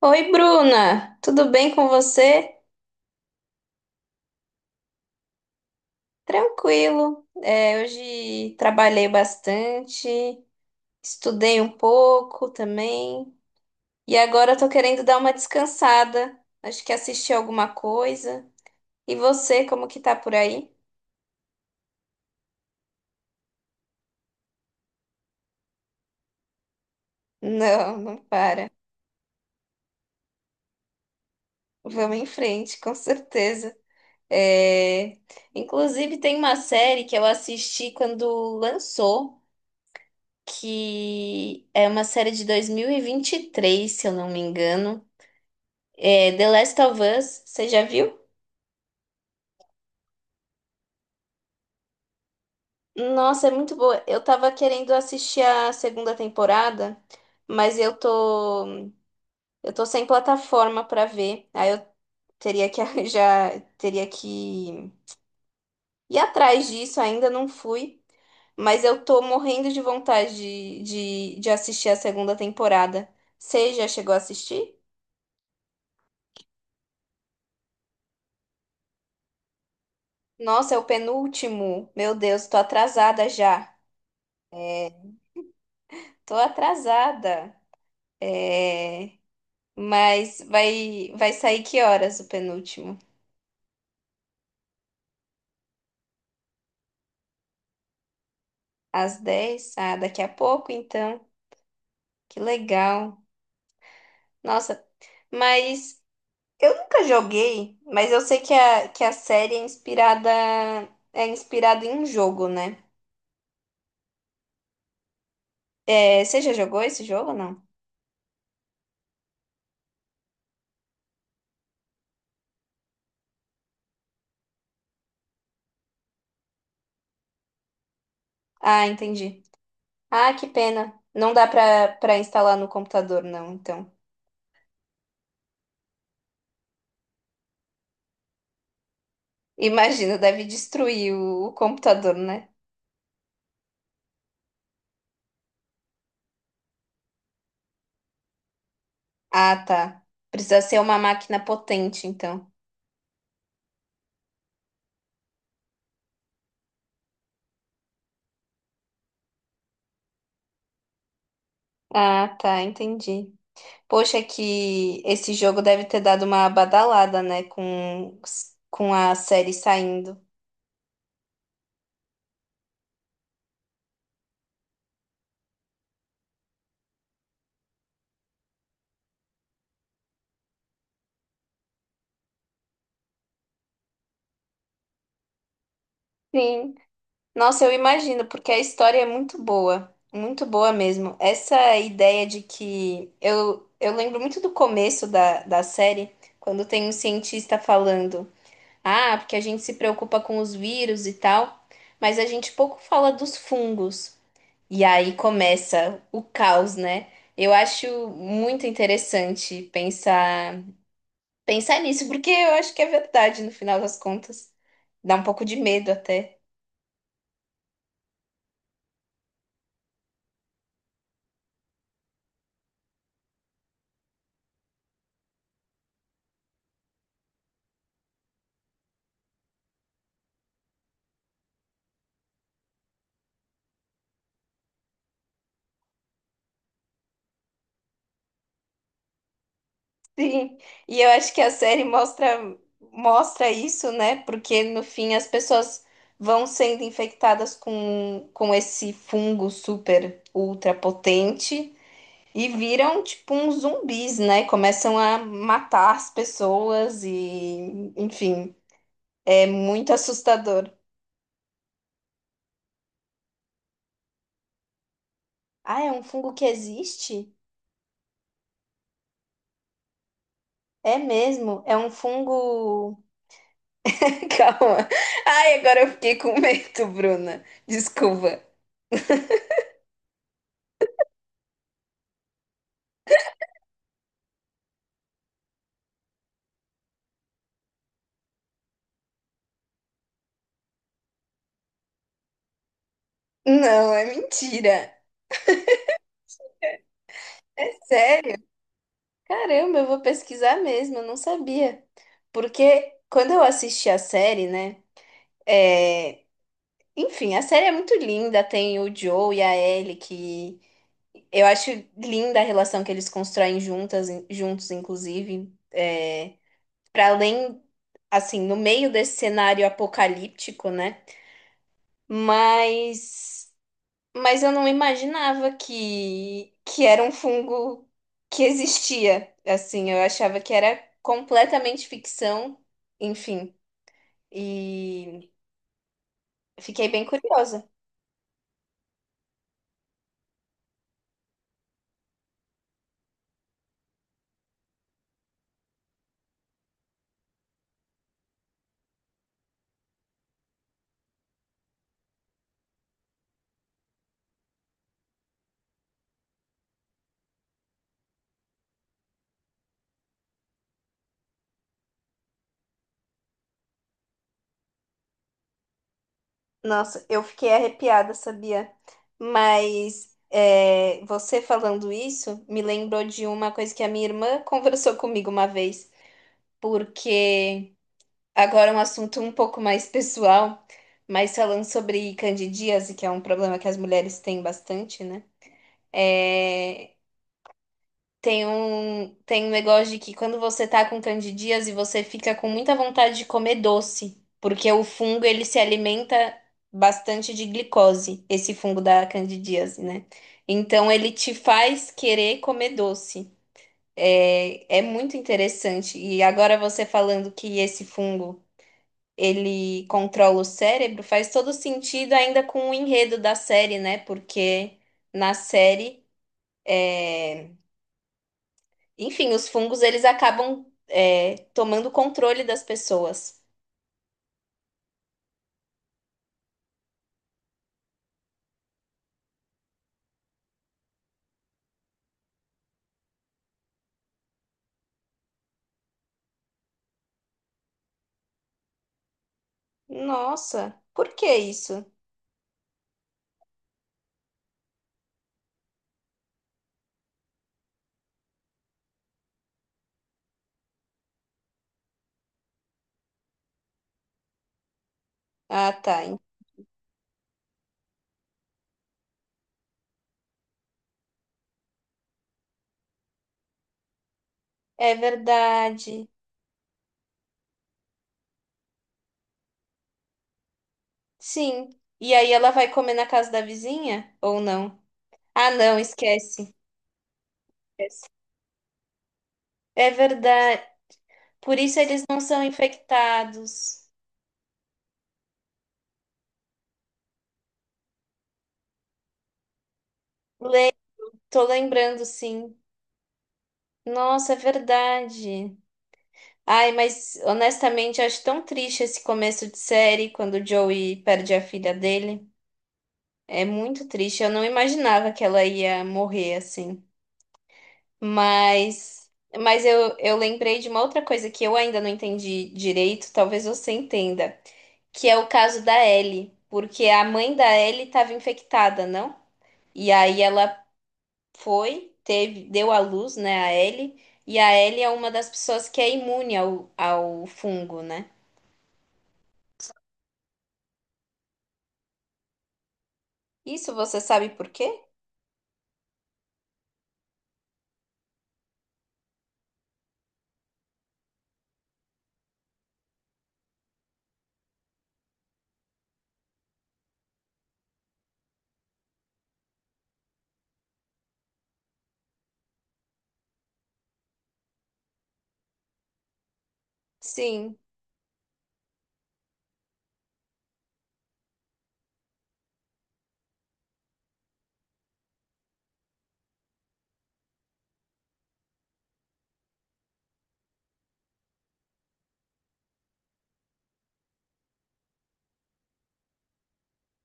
Oi, Bruna, tudo bem com você? Tranquilo. É, hoje trabalhei bastante, estudei um pouco também e agora eu tô querendo dar uma descansada. Acho que assisti alguma coisa. E você, como que tá por aí? Não, não para. Vamos em frente, com certeza. É, inclusive, tem uma série que eu assisti quando lançou, que é uma série de 2023, se eu não me engano. É, The Last of Us, você já viu? Nossa, é muito boa. Eu tava querendo assistir a segunda temporada, mas eu tô sem plataforma pra ver. Aí eu teria que arranjar, teria que ir atrás disso, ainda não fui, mas eu tô morrendo de vontade de assistir a segunda temporada. Você já chegou a assistir? Nossa, é o penúltimo. Meu Deus, tô atrasada já. Tô atrasada. É... Mas vai sair que horas o penúltimo? Às 10? Ah, daqui a pouco, então. Que legal. Nossa, mas eu nunca joguei, mas eu sei que a série é inspirada em um jogo, né? É, você já jogou esse jogo ou não? Ah, entendi. Ah, que pena. Não dá pra, pra instalar no computador, não, então. Imagina, deve destruir o computador, né? Ah, tá. Precisa ser uma máquina potente, então. Ah, tá, entendi. Poxa, que esse jogo deve ter dado uma badalada, né, com a série saindo. Sim. Nossa, eu imagino, porque a história é muito boa mesmo. Essa ideia de que eu lembro muito do começo da série, quando tem um cientista falando, ah, porque a gente se preocupa com os vírus e tal, mas a gente pouco fala dos fungos. E aí começa o caos, né? Eu acho muito interessante pensar nisso, porque eu acho que é verdade no final das contas. Dá um pouco de medo até. Sim. E eu acho que a série mostra isso, né? Porque no fim as pessoas vão sendo infectadas com esse fungo super ultra potente e viram tipo uns zumbis, né? Começam a matar as pessoas e enfim, é muito assustador. Ah, é um fungo que existe? É mesmo, é um fungo. Calma. Ai, agora eu fiquei com medo, Bruna. Desculpa. Não, é mentira. Sério? Caramba, eu vou pesquisar mesmo, eu não sabia. Porque quando eu assisti a série, né? é, Enfim, a série é muito linda, tem o Joe e a Ellie, que eu acho linda a relação que eles constroem juntas, juntos, inclusive. Para além, assim, no meio desse cenário apocalíptico, né? Mas, mas eu não imaginava que era um fungo que existia. Assim, eu achava que era completamente ficção, enfim. E fiquei bem curiosa. Nossa, eu fiquei arrepiada, sabia? Mas é, você falando isso me lembrou de uma coisa que a minha irmã conversou comigo uma vez, porque agora um assunto um pouco mais pessoal, mas falando sobre candidíase, que é um problema que as mulheres têm bastante, né? É, tem um negócio de que quando você tá com candidíase, você fica com muita vontade de comer doce, porque o fungo ele se alimenta bastante de glicose, esse fungo da candidíase, né? Então ele te faz querer comer doce. É muito interessante. E agora você falando que esse fungo ele controla o cérebro, faz todo sentido ainda com o enredo da série, né? Porque na série, é, enfim, os fungos eles acabam tomando controle das pessoas. Nossa, por que isso? Ah, tá. É verdade. Sim. E aí ela vai comer na casa da vizinha ou não? Ah, não, esquece. Esquece. É verdade. Por isso eles não são infectados. Tô lembrando, sim. Nossa, é verdade. Ai, mas honestamente, eu acho tão triste esse começo de série quando o Joey perde a filha dele. É muito triste. Eu não imaginava que ela ia morrer assim. Mas, mas eu lembrei de uma outra coisa que eu ainda não entendi direito, talvez você entenda, que é o caso da Ellie, porque a mãe da Ellie estava infectada, não? E aí ela foi, teve, deu à luz, né, a Ellie, e a Ellie é uma das pessoas que é imune ao fungo, né? Isso você sabe por quê? Sim.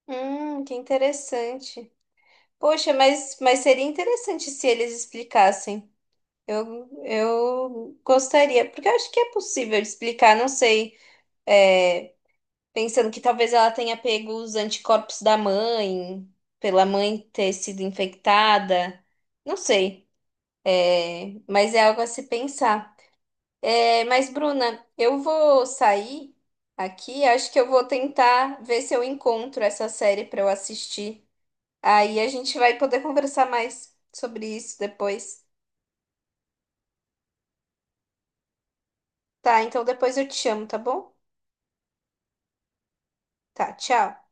Que interessante. Poxa, mas seria interessante se eles explicassem. Eu gostaria, porque eu acho que é possível explicar, não sei, é, pensando que talvez ela tenha pego os anticorpos da mãe, pela mãe ter sido infectada, não sei. É, mas é algo a se pensar. É, mas, Bruna, eu vou sair aqui. Acho que eu vou tentar ver se eu encontro essa série para eu assistir. Aí a gente vai poder conversar mais sobre isso depois. Tá, então depois eu te chamo, tá bom? Tá, tchau.